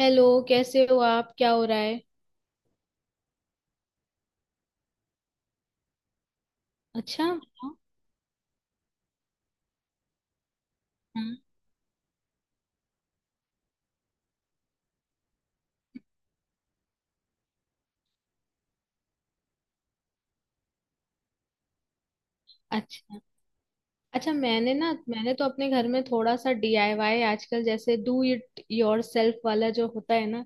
Hello. कैसे हो आप? क्या हो रहा है? अच्छा। हाँ। हाँ, अच्छा। अच्छा, मैंने तो अपने घर में थोड़ा सा DIY, आजकल जैसे डू इट योर सेल्फ वाला जो होता है ना,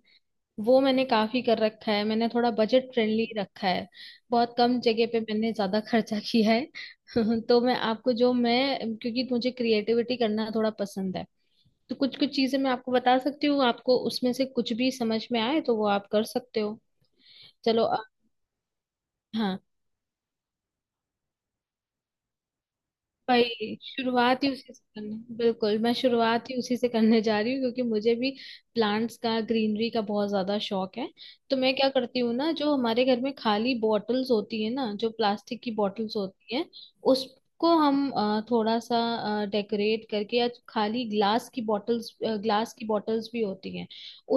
वो मैंने काफी कर रखा है। मैंने थोड़ा बजट फ्रेंडली रखा है। बहुत कम जगह पे मैंने ज्यादा खर्चा किया है। तो मैं आपको जो मैं क्योंकि मुझे क्रिएटिविटी करना थोड़ा पसंद है, तो कुछ कुछ चीजें मैं आपको बता सकती हूँ। आपको उसमें से कुछ भी समझ में आए तो वो आप कर सकते हो। चलो। हाँ। भाई, शुरुआत ही उसी से करने बिल्कुल, मैं शुरुआत ही उसी से करने जा रही हूँ, क्योंकि मुझे भी प्लांट्स का, ग्रीनरी का बहुत ज्यादा शौक है। तो मैं क्या करती हूँ ना, जो हमारे घर में खाली बॉटल्स होती है ना, जो प्लास्टिक की बॉटल्स होती है, उसको हम थोड़ा सा डेकोरेट करके, या खाली ग्लास की बॉटल्स, ग्लास की बॉटल्स भी होती हैं,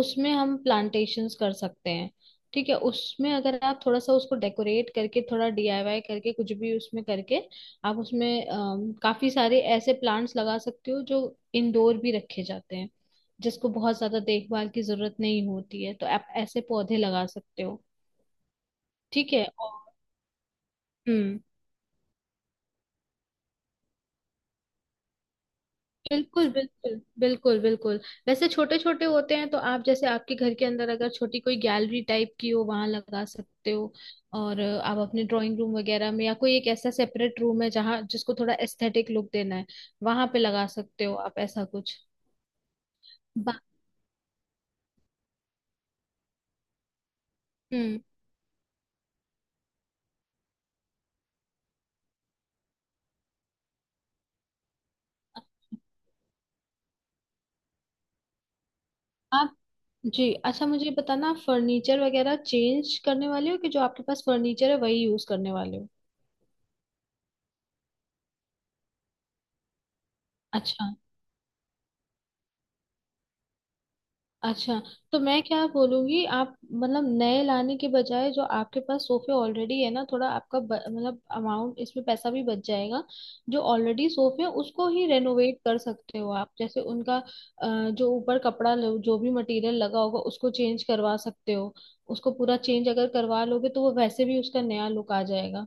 उसमें हम प्लांटेशंस कर सकते हैं। ठीक है। उसमें अगर आप थोड़ा सा उसको डेकोरेट करके, थोड़ा DIY करके, कुछ भी उसमें करके, आप उसमें काफी सारे ऐसे प्लांट्स लगा सकते हो जो इंडोर भी रखे जाते हैं, जिसको बहुत ज्यादा देखभाल की जरूरत नहीं होती है, तो आप ऐसे पौधे लगा सकते हो। ठीक है। और। हम्म। बिल्कुल, बिल्कुल, बिल्कुल, बिल्कुल। वैसे छोटे छोटे होते हैं, तो आप जैसे आपके घर के अंदर अगर छोटी कोई गैलरी टाइप की हो, वहां लगा सकते हो। और आप अपने ड्राइंग रूम वगैरह में, या कोई एक ऐसा सेपरेट रूम है जहाँ, जिसको थोड़ा एस्थेटिक लुक देना है, वहां पे लगा सकते हो आप ऐसा कुछ। बा- हम्म। आप। जी, अच्छा, मुझे बताना, आप फर्नीचर वगैरह चेंज करने वाले हो, कि जो आपके पास फर्नीचर है वही यूज करने वाले हो? अच्छा। अच्छा। तो मैं क्या बोलूंगी, आप मतलब नए लाने के बजाय जो आपके पास सोफे ऑलरेडी है ना, थोड़ा आपका मतलब अमाउंट, इसमें पैसा भी बच जाएगा। जो ऑलरेडी सोफे हैं उसको ही रेनोवेट कर सकते हो आप, जैसे उनका जो ऊपर कपड़ा जो भी मटेरियल लगा होगा, उसको चेंज करवा सकते हो। उसको पूरा चेंज अगर करवा लोगे तो वो वैसे भी उसका नया लुक आ जाएगा।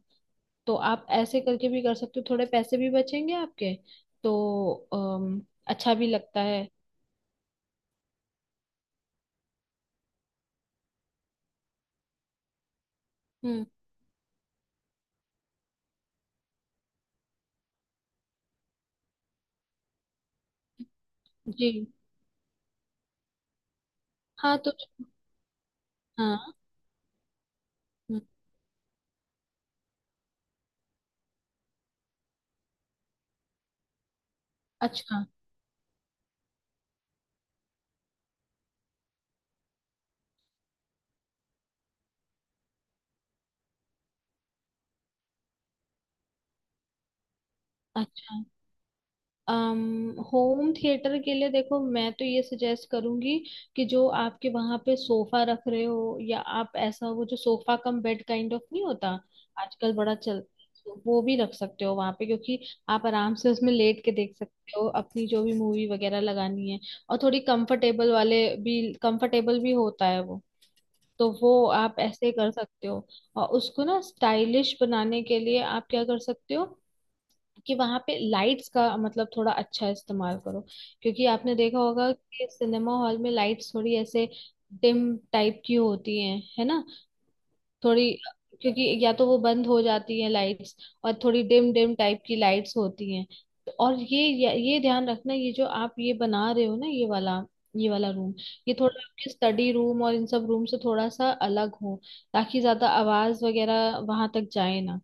तो आप ऐसे करके भी कर सकते हो, थोड़े पैसे भी बचेंगे आपके। तो अच्छा भी लगता है। हम्म। जी। हाँ। तो हाँ। हम्म। अच्छा। अच्छा। होम थिएटर के लिए देखो, मैं तो ये सजेस्ट करूंगी कि जो आपके वहां पे सोफा रख रहे हो, या आप ऐसा वो जो sofa cum bed kind of नहीं होता आजकल बड़ा चलता है, तो वो भी रख सकते हो वहां पे, क्योंकि आप आराम से उसमें लेट के देख सकते हो अपनी जो भी मूवी वगैरह लगानी है। और थोड़ी कंफर्टेबल वाले भी, कंफर्टेबल भी होता है वो, तो वो आप ऐसे कर सकते हो। और उसको ना स्टाइलिश बनाने के लिए आप क्या कर सकते हो, कि वहां पे लाइट्स का मतलब थोड़ा अच्छा इस्तेमाल करो, क्योंकि आपने देखा होगा कि सिनेमा हॉल में लाइट्स थोड़ी ऐसे डिम टाइप की होती हैं, है ना। थोड़ी, क्योंकि या तो वो बंद हो जाती है लाइट्स, और थोड़ी डिम डिम टाइप की लाइट्स होती हैं। और ये ध्यान रखना, ये जो आप ये बना रहे हो ना, ये वाला रूम, ये थोड़ा आपके स्टडी रूम और इन सब रूम से थोड़ा सा अलग हो, ताकि ज्यादा आवाज वगैरह वहां तक जाए ना।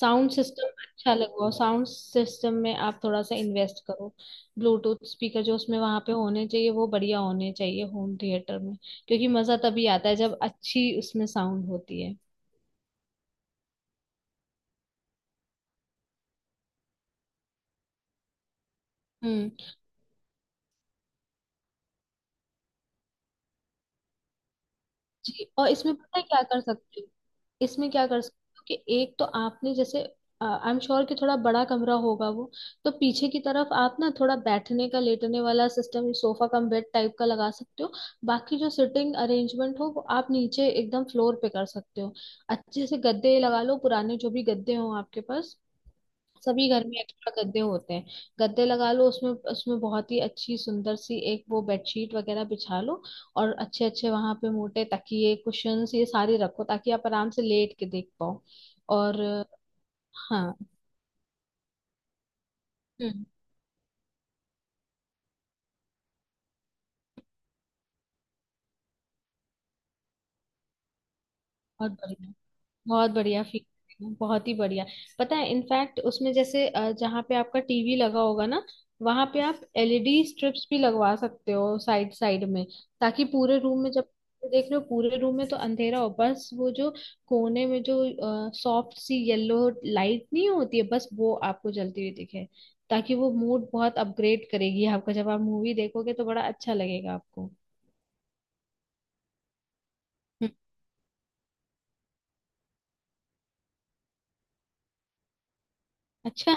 साउंड सिस्टम अच्छा लगवाओ। साउंड सिस्टम में आप थोड़ा सा इन्वेस्ट करो। ब्लूटूथ स्पीकर जो उसमें वहां पे होने चाहिए वो बढ़िया होने चाहिए होम थिएटर में, क्योंकि मजा तभी आता है जब अच्छी उसमें साउंड होती है। हम्म। जी। और इसमें पता है क्या कर सकते हो? इसमें क्या कर सकते हो, कि एक तो आपने जैसे, आई एम श्योर कि थोड़ा बड़ा कमरा होगा वो, तो पीछे की तरफ आप ना थोड़ा बैठने का, लेटने वाला system, sofa cum bed type का लगा सकते हो। बाकी जो सिटिंग अरेंजमेंट हो, वो आप नीचे एकदम फ्लोर पे कर सकते हो। अच्छे से गद्दे लगा लो, पुराने जो भी गद्दे हो आपके पास। सभी घर में एक्स्ट्रा गद्दे होते हैं। गद्दे लगा लो, उसमें उसमें बहुत ही अच्छी सुंदर सी एक वो बेडशीट वगैरह बिछा लो। और अच्छे अच्छे वहां पे मोटे तकिए, कुशन्स, ये सारे रखो, ताकि आप आराम से लेट के देख पाओ। और हाँ। हम्म। बहुत बढ़िया। बहुत बढ़िया फीचर, बहुत ही बढ़िया। पता है, इनफैक्ट उसमें जैसे जहाँ पे आपका TV लगा होगा ना, वहां पे आप LED स्ट्रिप्स भी लगवा सकते हो साइड साइड में, ताकि पूरे रूम में जब देख रहे हो पूरे रूम में तो अंधेरा हो, बस वो जो कोने में जो सॉफ्ट सी येलो लाइट नहीं होती है, बस वो आपको जलती हुई दिखे, ताकि वो मूड बहुत अपग्रेड करेगी आपका, जब आप मूवी देखोगे तो बड़ा अच्छा लगेगा आपको। हम्म। अच्छा।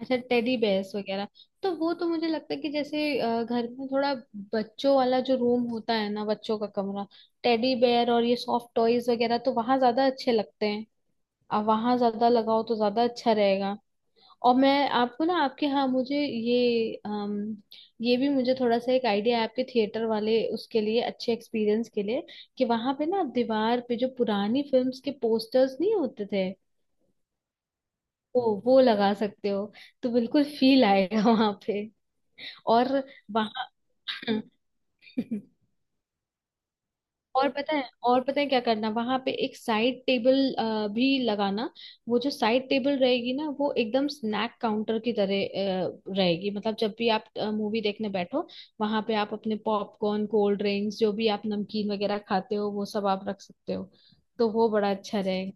अच्छा, टेडी बेयर्स वगैरह, तो वो तो मुझे लगता है कि जैसे घर में थोड़ा बच्चों वाला जो रूम होता है ना, बच्चों का कमरा, टेडी बेयर और ये सॉफ्ट टॉयज वगैरह तो वहां ज्यादा अच्छे लगते हैं। अब वहां ज्यादा लगाओ तो ज्यादा अच्छा रहेगा। और मैं आपको ना आपके, हाँ, मुझे ये, ये भी मुझे थोड़ा सा एक आइडिया है आपके थिएटर वाले उसके लिए, अच्छे एक्सपीरियंस के लिए, कि वहां पे ना आप दीवार पे जो पुरानी फिल्म्स के पोस्टर्स नहीं होते थे, वो लगा सकते हो, तो बिल्कुल फील आएगा वहां पे। और वहाँ। और पता है क्या करना, वहां पे एक साइड टेबल भी लगाना। वो जो साइड टेबल रहेगी ना, वो एकदम स्नैक काउंटर की तरह रहेगी, मतलब जब भी आप मूवी देखने बैठो, वहां पे आप अपने पॉपकॉर्न, कोल्ड ड्रिंक्स, जो भी आप नमकीन वगैरह खाते हो, वो सब आप रख सकते हो। तो वो बड़ा अच्छा रहेगा।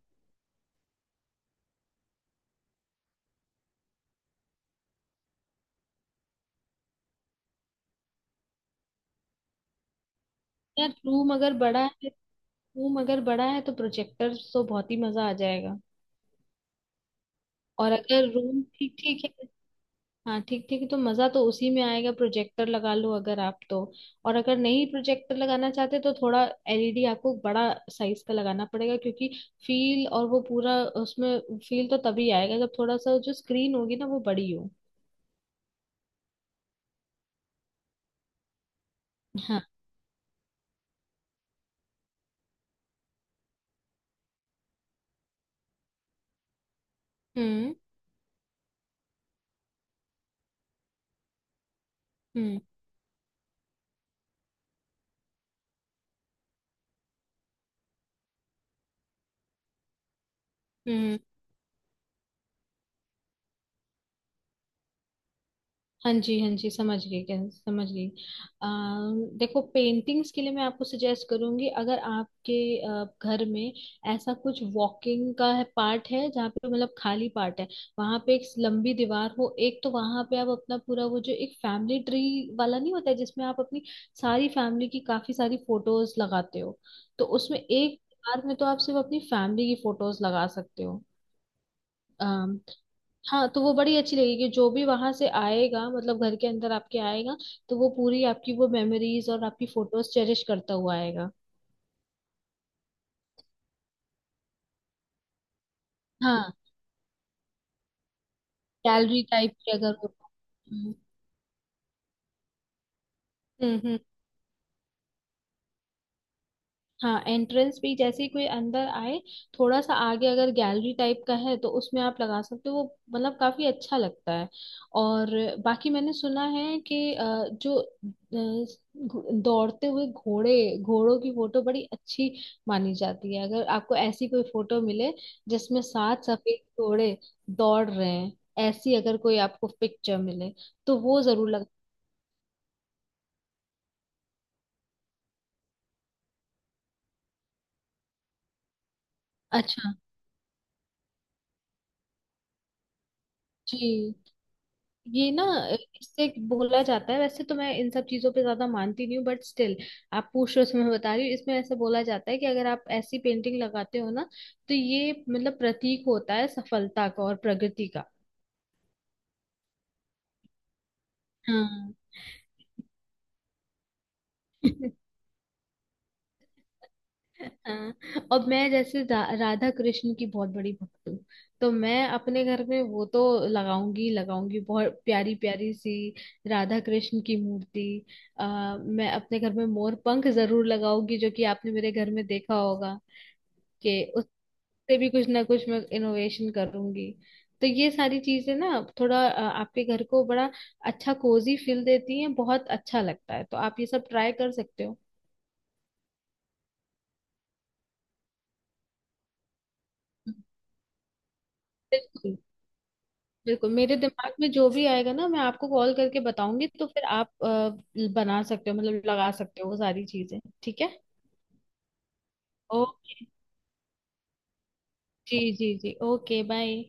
यार रूम अगर बड़ा है रूम अगर बड़ा है तो प्रोजेक्टर तो बहुत ही मजा आ जाएगा। और अगर रूम ठीक ठीक है। हाँ, ठीक ठीक तो मजा तो उसी में आएगा, प्रोजेक्टर लगा लो अगर आप तो। और अगर नहीं प्रोजेक्टर लगाना चाहते, तो थोड़ा LED आपको बड़ा साइज का लगाना पड़ेगा, क्योंकि फील, और वो पूरा उसमें फील तो तभी आएगा जब थोड़ा सा जो स्क्रीन होगी ना वो बड़ी हो। हाँ। हम्म। हम्म। हाँ जी। हाँ जी, समझ गई। क्या समझ गई? देखो, पेंटिंग्स के लिए मैं आपको सजेस्ट करूंगी, अगर आपके घर में ऐसा कुछ वॉकिंग का है, पार्ट है जहाँ पे मतलब खाली पार्ट है, वहां पे एक लंबी दीवार हो एक, तो वहां पे आप अपना पूरा वो जो एक फैमिली ट्री वाला नहीं होता है, जिसमें आप अपनी सारी फैमिली की काफी सारी फोटोज लगाते हो, तो उसमें एक दीवार में तो आप सिर्फ अपनी फैमिली की फोटोज लगा सकते हो। हाँ, तो वो बड़ी अच्छी लगेगी, जो भी वहां से आएगा मतलब घर के अंदर आपके आएगा, तो वो पूरी आपकी वो मेमोरीज और आपकी फोटोज चेरिश करता हुआ आएगा। हाँ, गैलरी टाइप की अगर वो। हम्म। हम्म। हाँ, एंट्रेंस पे ही जैसे ही कोई अंदर आए, थोड़ा सा आगे अगर गैलरी टाइप का है, तो उसमें आप लगा सकते हो वो, मतलब काफी अच्छा लगता है। और बाकी मैंने सुना है कि जो दौड़ते हुए घोड़े, घोड़ों की फोटो बड़ी अच्छी मानी जाती है। अगर आपको ऐसी कोई फोटो मिले जिसमें सात सफेद घोड़े दौड़ रहे हैं, ऐसी अगर कोई आपको पिक्चर मिले तो वो जरूर लग। अच्छा। जी। ये ना, इससे बोला जाता है, वैसे तो मैं इन सब चीजों पे ज्यादा मानती नहीं हूँ, बट स्टिल आप पूछ रहे हो तो मैं बता रही हूँ, इसमें ऐसा बोला जाता है कि अगर आप ऐसी पेंटिंग लगाते हो ना, तो ये मतलब प्रतीक होता है सफलता का और प्रगति का। हाँ। हाँ, और मैं जैसे राधा कृष्ण की बहुत बड़ी भक्त हूँ, तो मैं अपने घर में वो तो लगाऊंगी, लगाऊंगी बहुत प्यारी प्यारी सी राधा कृष्ण की मूर्ति। मैं अपने घर में मोर पंख जरूर लगाऊंगी, जो कि आपने मेरे घर में देखा होगा, कि उससे भी कुछ ना कुछ मैं इनोवेशन करूंगी। तो ये सारी चीजें ना थोड़ा आपके घर को बड़ा अच्छा कोजी फील देती हैं, बहुत अच्छा लगता है, तो आप ये सब ट्राई कर सकते हो। बिल्कुल। बिल्कुल, मेरे दिमाग में जो भी आएगा ना, मैं आपको कॉल करके बताऊंगी, तो फिर आप बना सकते हो, मतलब लगा सकते हो वो सारी चीजें, ठीक है। ओ। जी जी जी, ओके बाय।